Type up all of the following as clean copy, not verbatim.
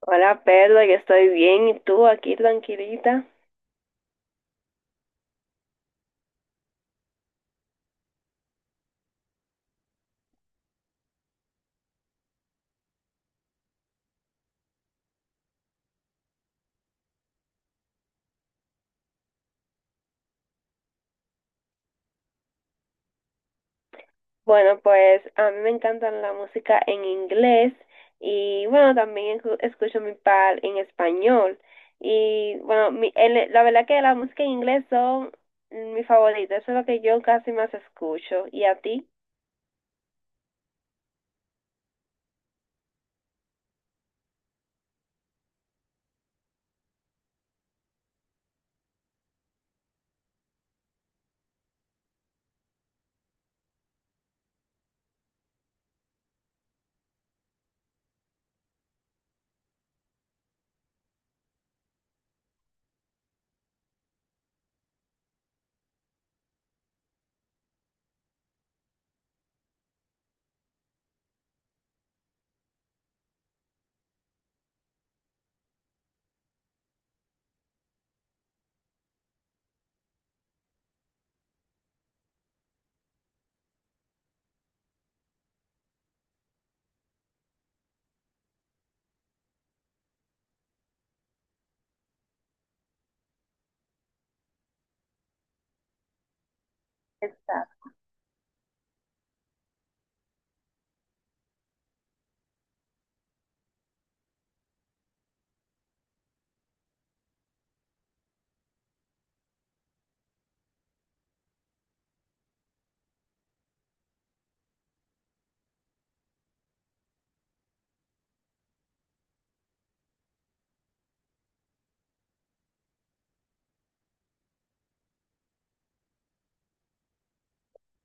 Hola Pedro, yo estoy bien y tú aquí tranquilita. Bueno, pues a mí me encantan la música en inglés y bueno, también escucho mi par en español. Y bueno, la verdad que la música en inglés son mi favorita, eso es lo que yo casi más escucho. ¿Y a ti?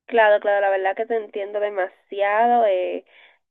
Claro, claro, la verdad que te entiendo demasiado.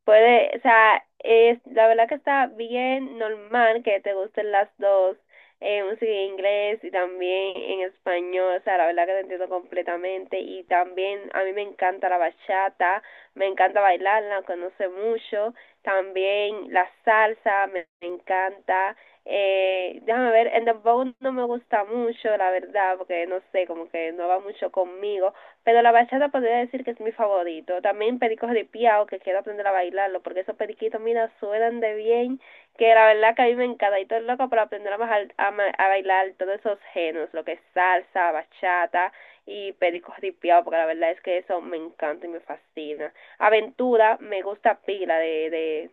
Puede, o sea, es, la verdad que está bien normal que te gusten las dos, música en inglés y también en español. O sea, la verdad que te entiendo completamente. Y también a mí me encanta la bachata, me encanta bailarla, conoce mucho. También la salsa, me encanta. Déjame ver, el dembow no me gusta mucho, la verdad, porque no sé, como que no va mucho conmigo, pero la bachata podría decir que es mi favorito. También pericos de piao, que quiero aprender a bailarlo, porque esos periquitos, mira, suenan de bien, que la verdad que a mí me encanta. Y todo es loco para aprender a a bailar todos esos géneros, lo que es salsa, bachata y pericos de piao, porque la verdad es que eso me encanta y me fascina. Aventura, me gusta pila de,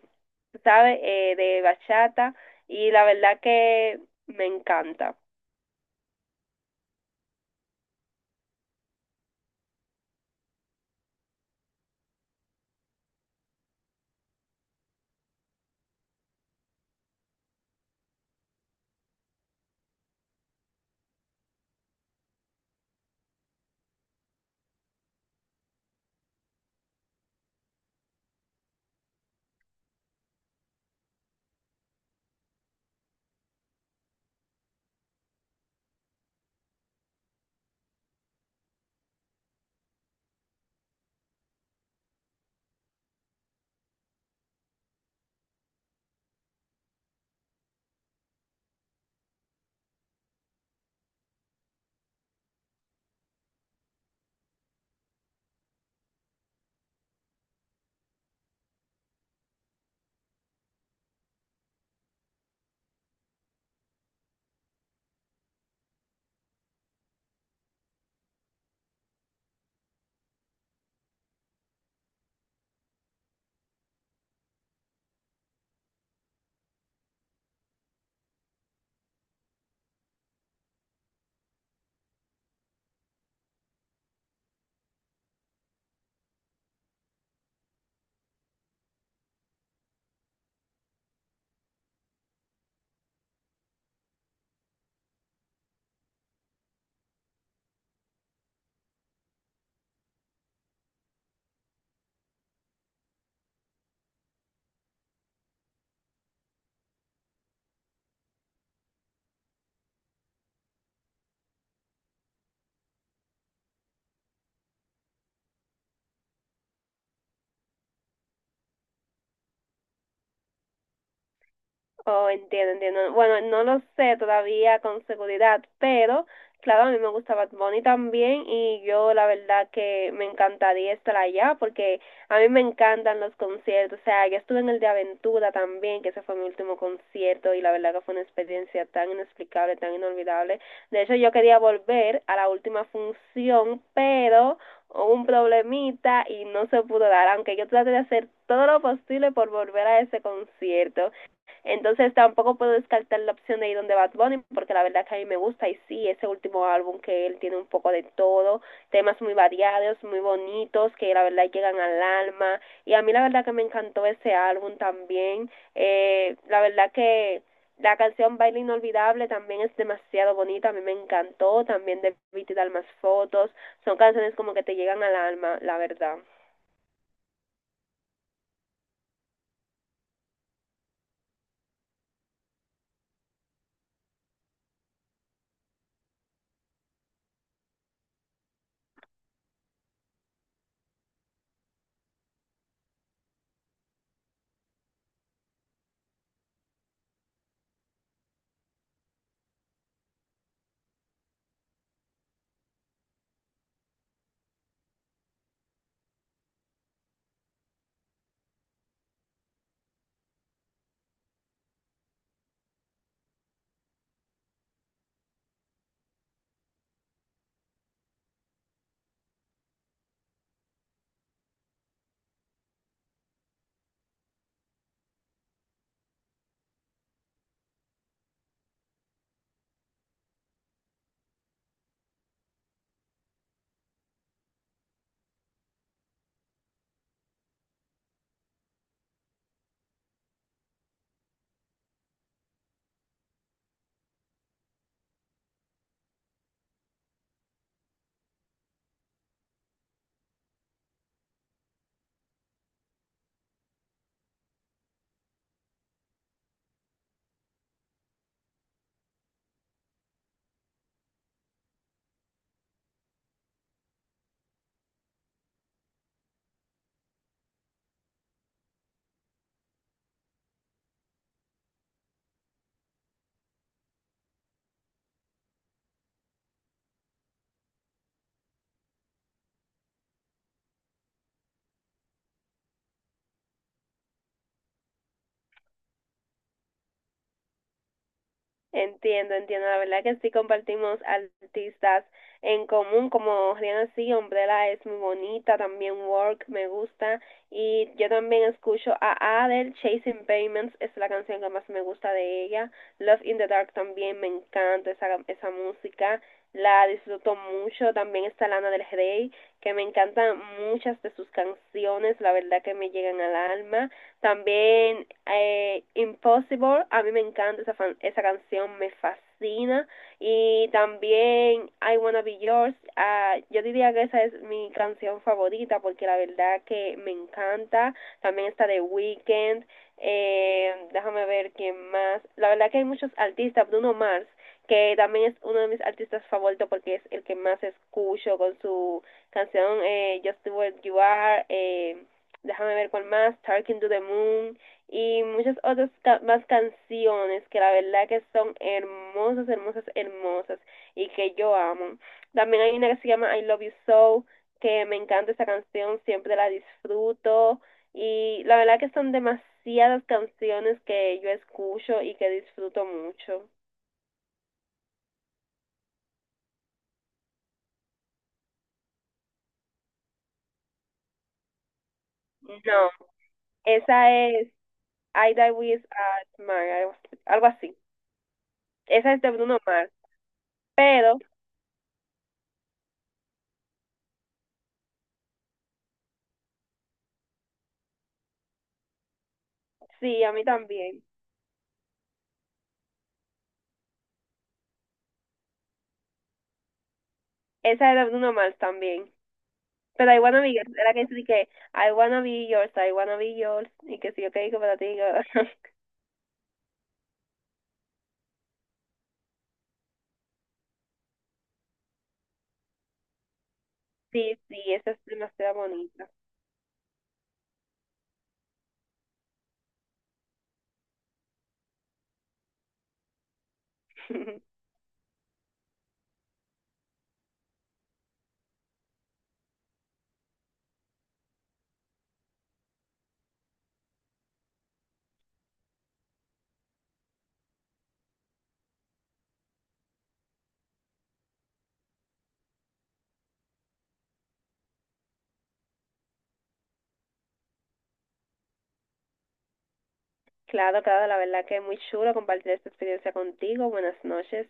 ¿sabes? De bachata, y la verdad que me encanta. Oh, entiendo, entiendo. Bueno, no lo sé todavía con seguridad, pero claro, a mí me gusta Bad Bunny también y yo la verdad que me encantaría estar allá, porque a mí me encantan los conciertos. O sea, yo estuve en el de Aventura también, que ese fue mi último concierto y la verdad que fue una experiencia tan inexplicable, tan inolvidable. De hecho, yo quería volver a la última función, pero hubo un problemita y no se pudo dar, aunque yo traté de hacer todo lo posible por volver a ese concierto. Entonces tampoco puedo descartar la opción de ir donde Bad Bunny, porque la verdad que a mí me gusta y sí, ese último álbum que él tiene un poco de todo, temas muy variados, muy bonitos, que la verdad llegan al alma. Y a mí la verdad que me encantó ese álbum también. La verdad que la canción Baile Inolvidable también es demasiado bonita, a mí me encantó, también Debí Dar Más Fotos, son canciones como que te llegan al alma, la verdad. Entiendo, entiendo. La verdad que sí compartimos artistas en común, como Rihanna. Sí, Umbrella es muy bonita, también Work me gusta y yo también escucho a Adele, Chasing Payments es la canción que más me gusta de ella, Love in the Dark también me encanta esa música, la disfruto mucho, también está Lana del Rey, que me encantan muchas de sus canciones, la verdad que me llegan al alma. También Impossible, a mí me encanta esa canción, me fascina. Y también I Wanna Be Yours, ah, yo diría que esa es mi canción favorita porque la verdad que me encanta. También está The Weeknd, déjame ver quién más. La verdad que hay muchos artistas, Bruno Mars, que también es uno de mis artistas favoritos porque es el que más escucho con su canción Just the Way You Are. Déjame ver cuál más, Talking to the Moon y muchas otras más canciones que la verdad que son hermosas, hermosas, hermosas y que yo amo. También hay una que se llama I Love You So, que me encanta esa canción, siempre la disfruto y la verdad que son demasiadas canciones que yo escucho y que disfruto mucho. No, esa es I Die With a Smile, algo así. Esa es de Bruno Mars, pero sí, a mí también. Esa era uno más también. Pero I wanna be yours, era que sí que I wanna be yours, I wanna be yours. Y que sí, yo que digo para ti. Digo, sí, sí, esa es demasiado bonita. Claro, claro, la verdad que es muy chulo compartir esta experiencia contigo. Buenas noches.